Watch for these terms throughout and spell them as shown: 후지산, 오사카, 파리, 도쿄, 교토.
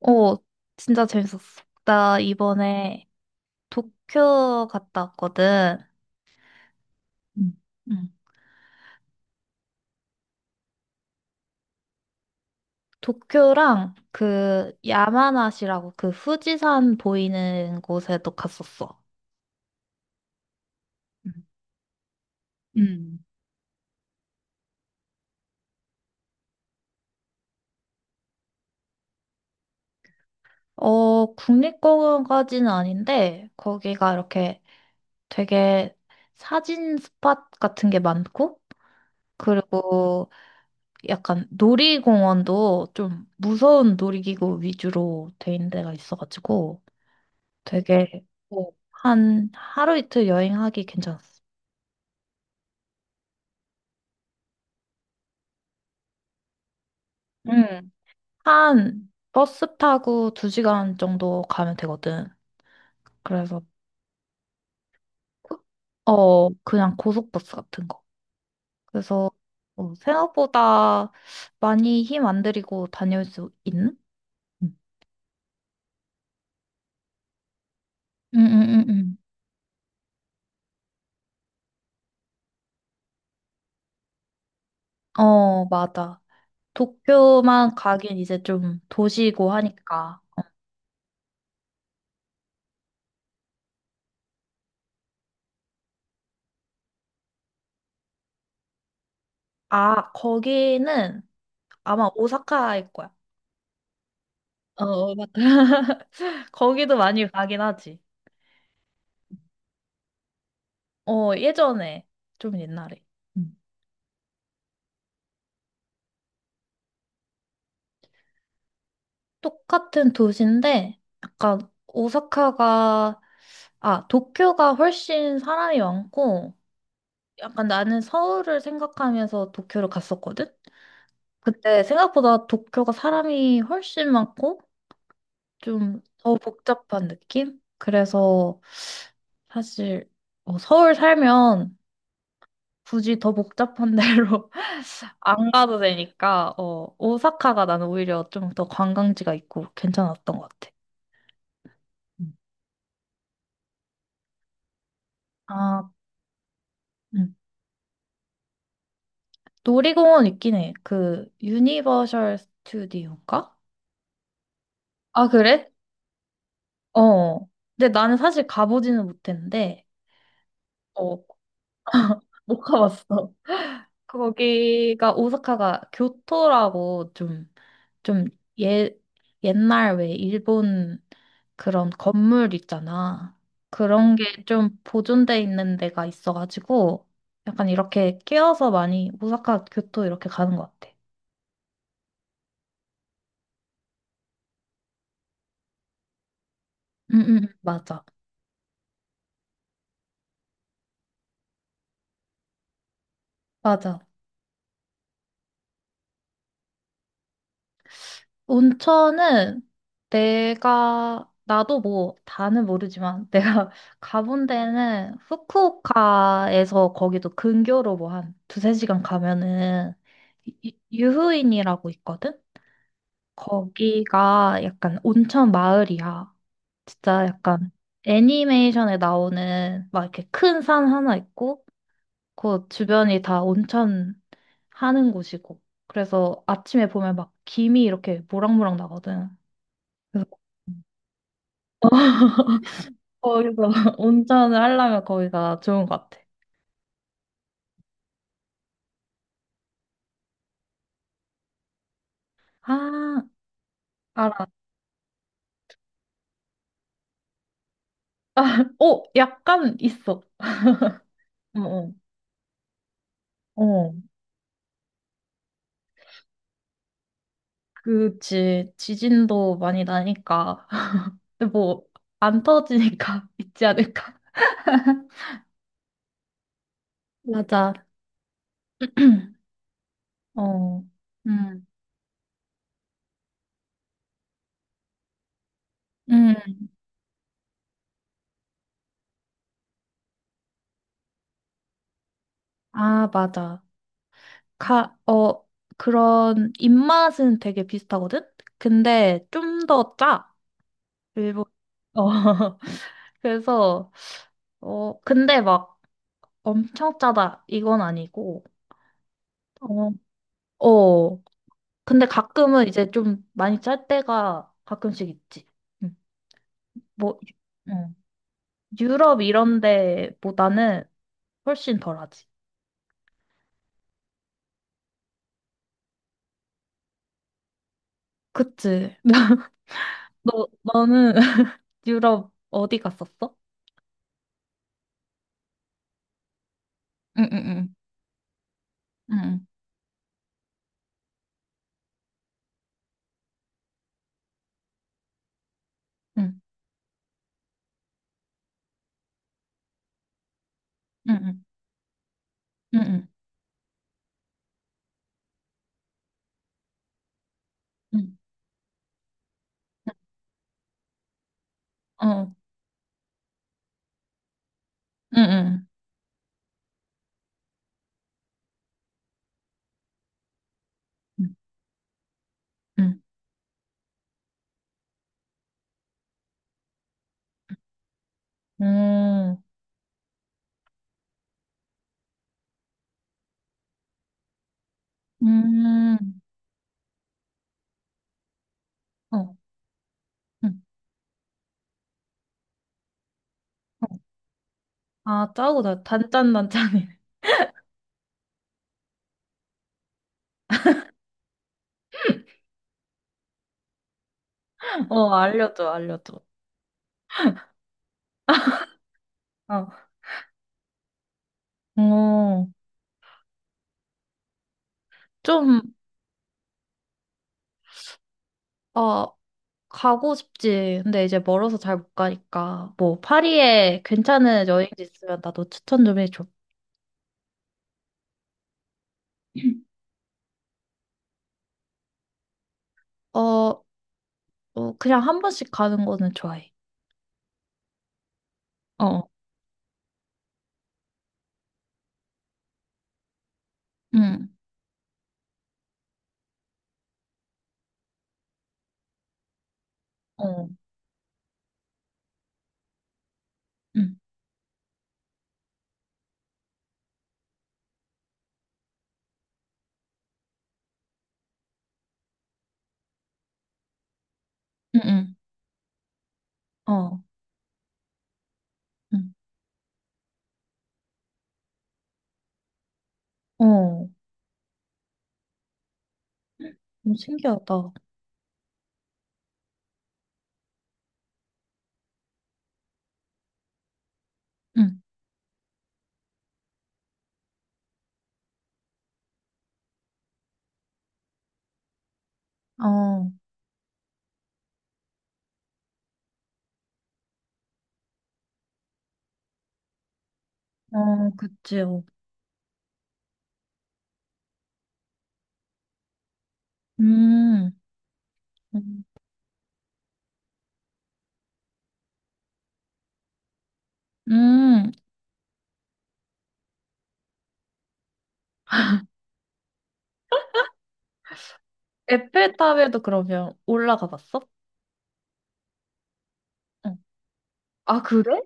어, 진짜 재밌었어. 나 이번에 도쿄 갔다 왔거든. 응, 응, 도쿄랑 그 야마나시라고 그 후지산 보이는 곳에도 갔었어. 응. 응. 어, 국립공원까지는 아닌데, 거기가 이렇게 되게 사진 스팟 같은 게 많고, 그리고 약간 놀이공원도 좀 무서운 놀이기구 위주로 돼 있는 데가 있어가지고, 되게 어, 한 하루 이틀 여행하기 괜찮았어. 응, 한 버스 타고 2시간 정도 가면 되거든. 그래서 그, 어 그냥 고속버스 같은 거. 그래서 어, 생각보다 많이 힘 안 들이고 다녀올 수 있는? 응 응, 응, 응, 어 맞아. 도쿄만 가긴 이제 좀 도시고 하니까. 어. 아 거기는 아마 오사카일 거야. 응. 어, 맞다. 거기도 많이 가긴 하지. 어, 예전에, 좀 옛날에. 음. 똑같은 도시인데, 약간, 오사카가, 아, 도쿄가 훨씬 사람이 많고, 약간 나는 서울을 생각하면서 도쿄를 갔었거든? 그때 생각보다 도쿄가 사람이 훨씬 많고, 좀 더 복잡한 느낌? 그래서 사실, 어, 서울 살면 굳이 더 복잡한 데로 안 가도 되니까, 어, 오사카가 나는 오히려 좀 더 관광지가 있고 괜찮았던 것 같아. 음. 아, 음. 놀이공원 있긴 해. 그, 유니버셜 스튜디오인가? 아, 그래? 어. 근데 나는 사실 가보지는 못했는데, 어, 못 가봤어. 거기가 오사카가 교토라고 좀 예, 옛날 왜 일본 그런 건물 있잖아. 그런 게 좀 보존돼 있는 데가 있어가지고 약간 이렇게 끼어서 많이 오사카 교토 이렇게 가는 것 같아. 응, 응, 응. 맞아. 맞아. 온천은 내가 나도 뭐 다는 모르지만 내가 가본 데는 후쿠오카에서 거기도 근교로 뭐 한 두세 시간 가면은 유후인이라고 있거든? 거기가 약간 온천 마을이야. 진짜 약간 애니메이션에 나오는 막 이렇게 큰 산 하나 있고, 그 주변이 다 온천 하는 곳이고. 그래서 아침에 보면 막 김이 이렇게 모락모락 나거든. 그래서 거기서 온천을 하려면 거기가 좋은 것 같아. 아, 알아. 어, 약간 있어. 어, 어. 어, 그치. 지진도 많이 나니까. 뭐, 안 터지니까 있지 않을까? 맞아. 어, 음, 음, 아, 맞아. 가, 어, 그런 입맛은 되게 비슷하거든? 근데 좀 더 짜. 일본. 어, 그래서, 어, 근데 막 엄청 짜다. 이건 아니고. 어, 어. 근데 가끔은 이제 좀 많이 짤 때가 가끔씩 있지. 음, 뭐, 음. 유럽 이런 데보다는 훨씬 덜하지. 그치. 너는 유럽 어디 갔었어? 응, 응, 응, 응, 응, 응, 응, 응, 응, 어, 응, 응, 응, 응. 음, 음, 어. 응, 어. 아, 짜고 나 단짠단짠이네. 어, 알려줘, 알려줘. 어, 어, 좀, 어, 가고 싶지. 근데 이제 멀어서 잘 못 가니까. 뭐, 파리에 괜찮은 여행지 있으면 나도 추천 좀 해줘. 어, 어, 그냥 한 번씩 가는 거는 좋아해. 어, 응, 어, 응, 응, 응, 어, 응, 어. 너무 신기하다. 응, 어, 어, 그치, 어. 음, 음, 음. 에펠탑에도 그러면 올라가 봤어? 응. 아, 그래?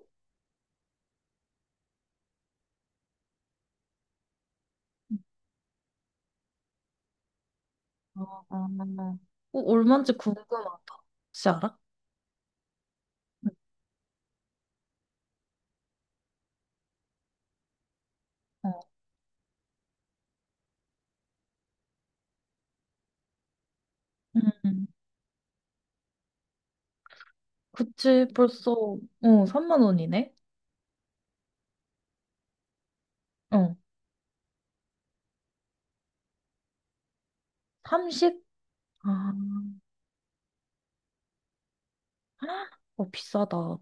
어, 어, 어, 얼마인지 궁금하다. 혹시 알아? 응. 어, 음, 그치, 벌써, 어, 3만 원이네? 어, 30? 아, 어, 비싸다.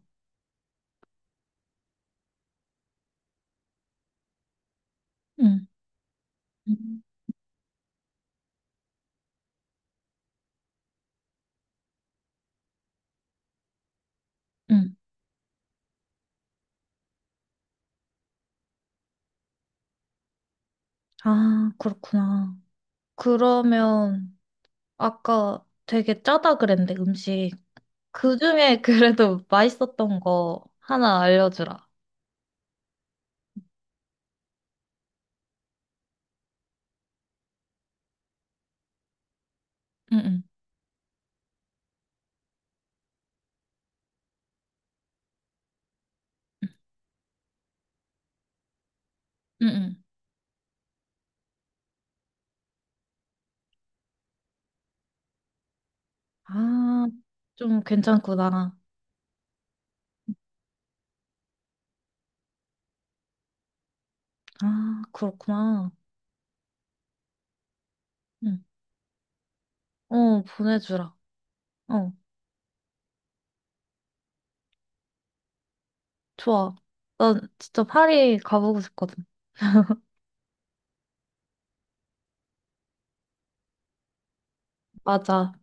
응, 응, 응. 아, 그렇구나. 그러면 아까 되게 짜다 그랬는데 음식 그중에 그래도 맛있었던 거 하나 알려주라. 응, 응, 응, 응. 아, 좀 괜찮구나. 아, 그렇구나. 응. 어, 보내주라. 어, 좋아. 난 진짜 파리 가보고 싶거든. 맞아.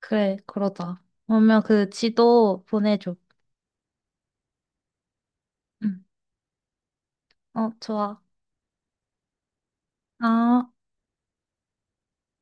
그래, 그러자. 그러면 그 지도 보내줘. 응. 어, 좋아. 아.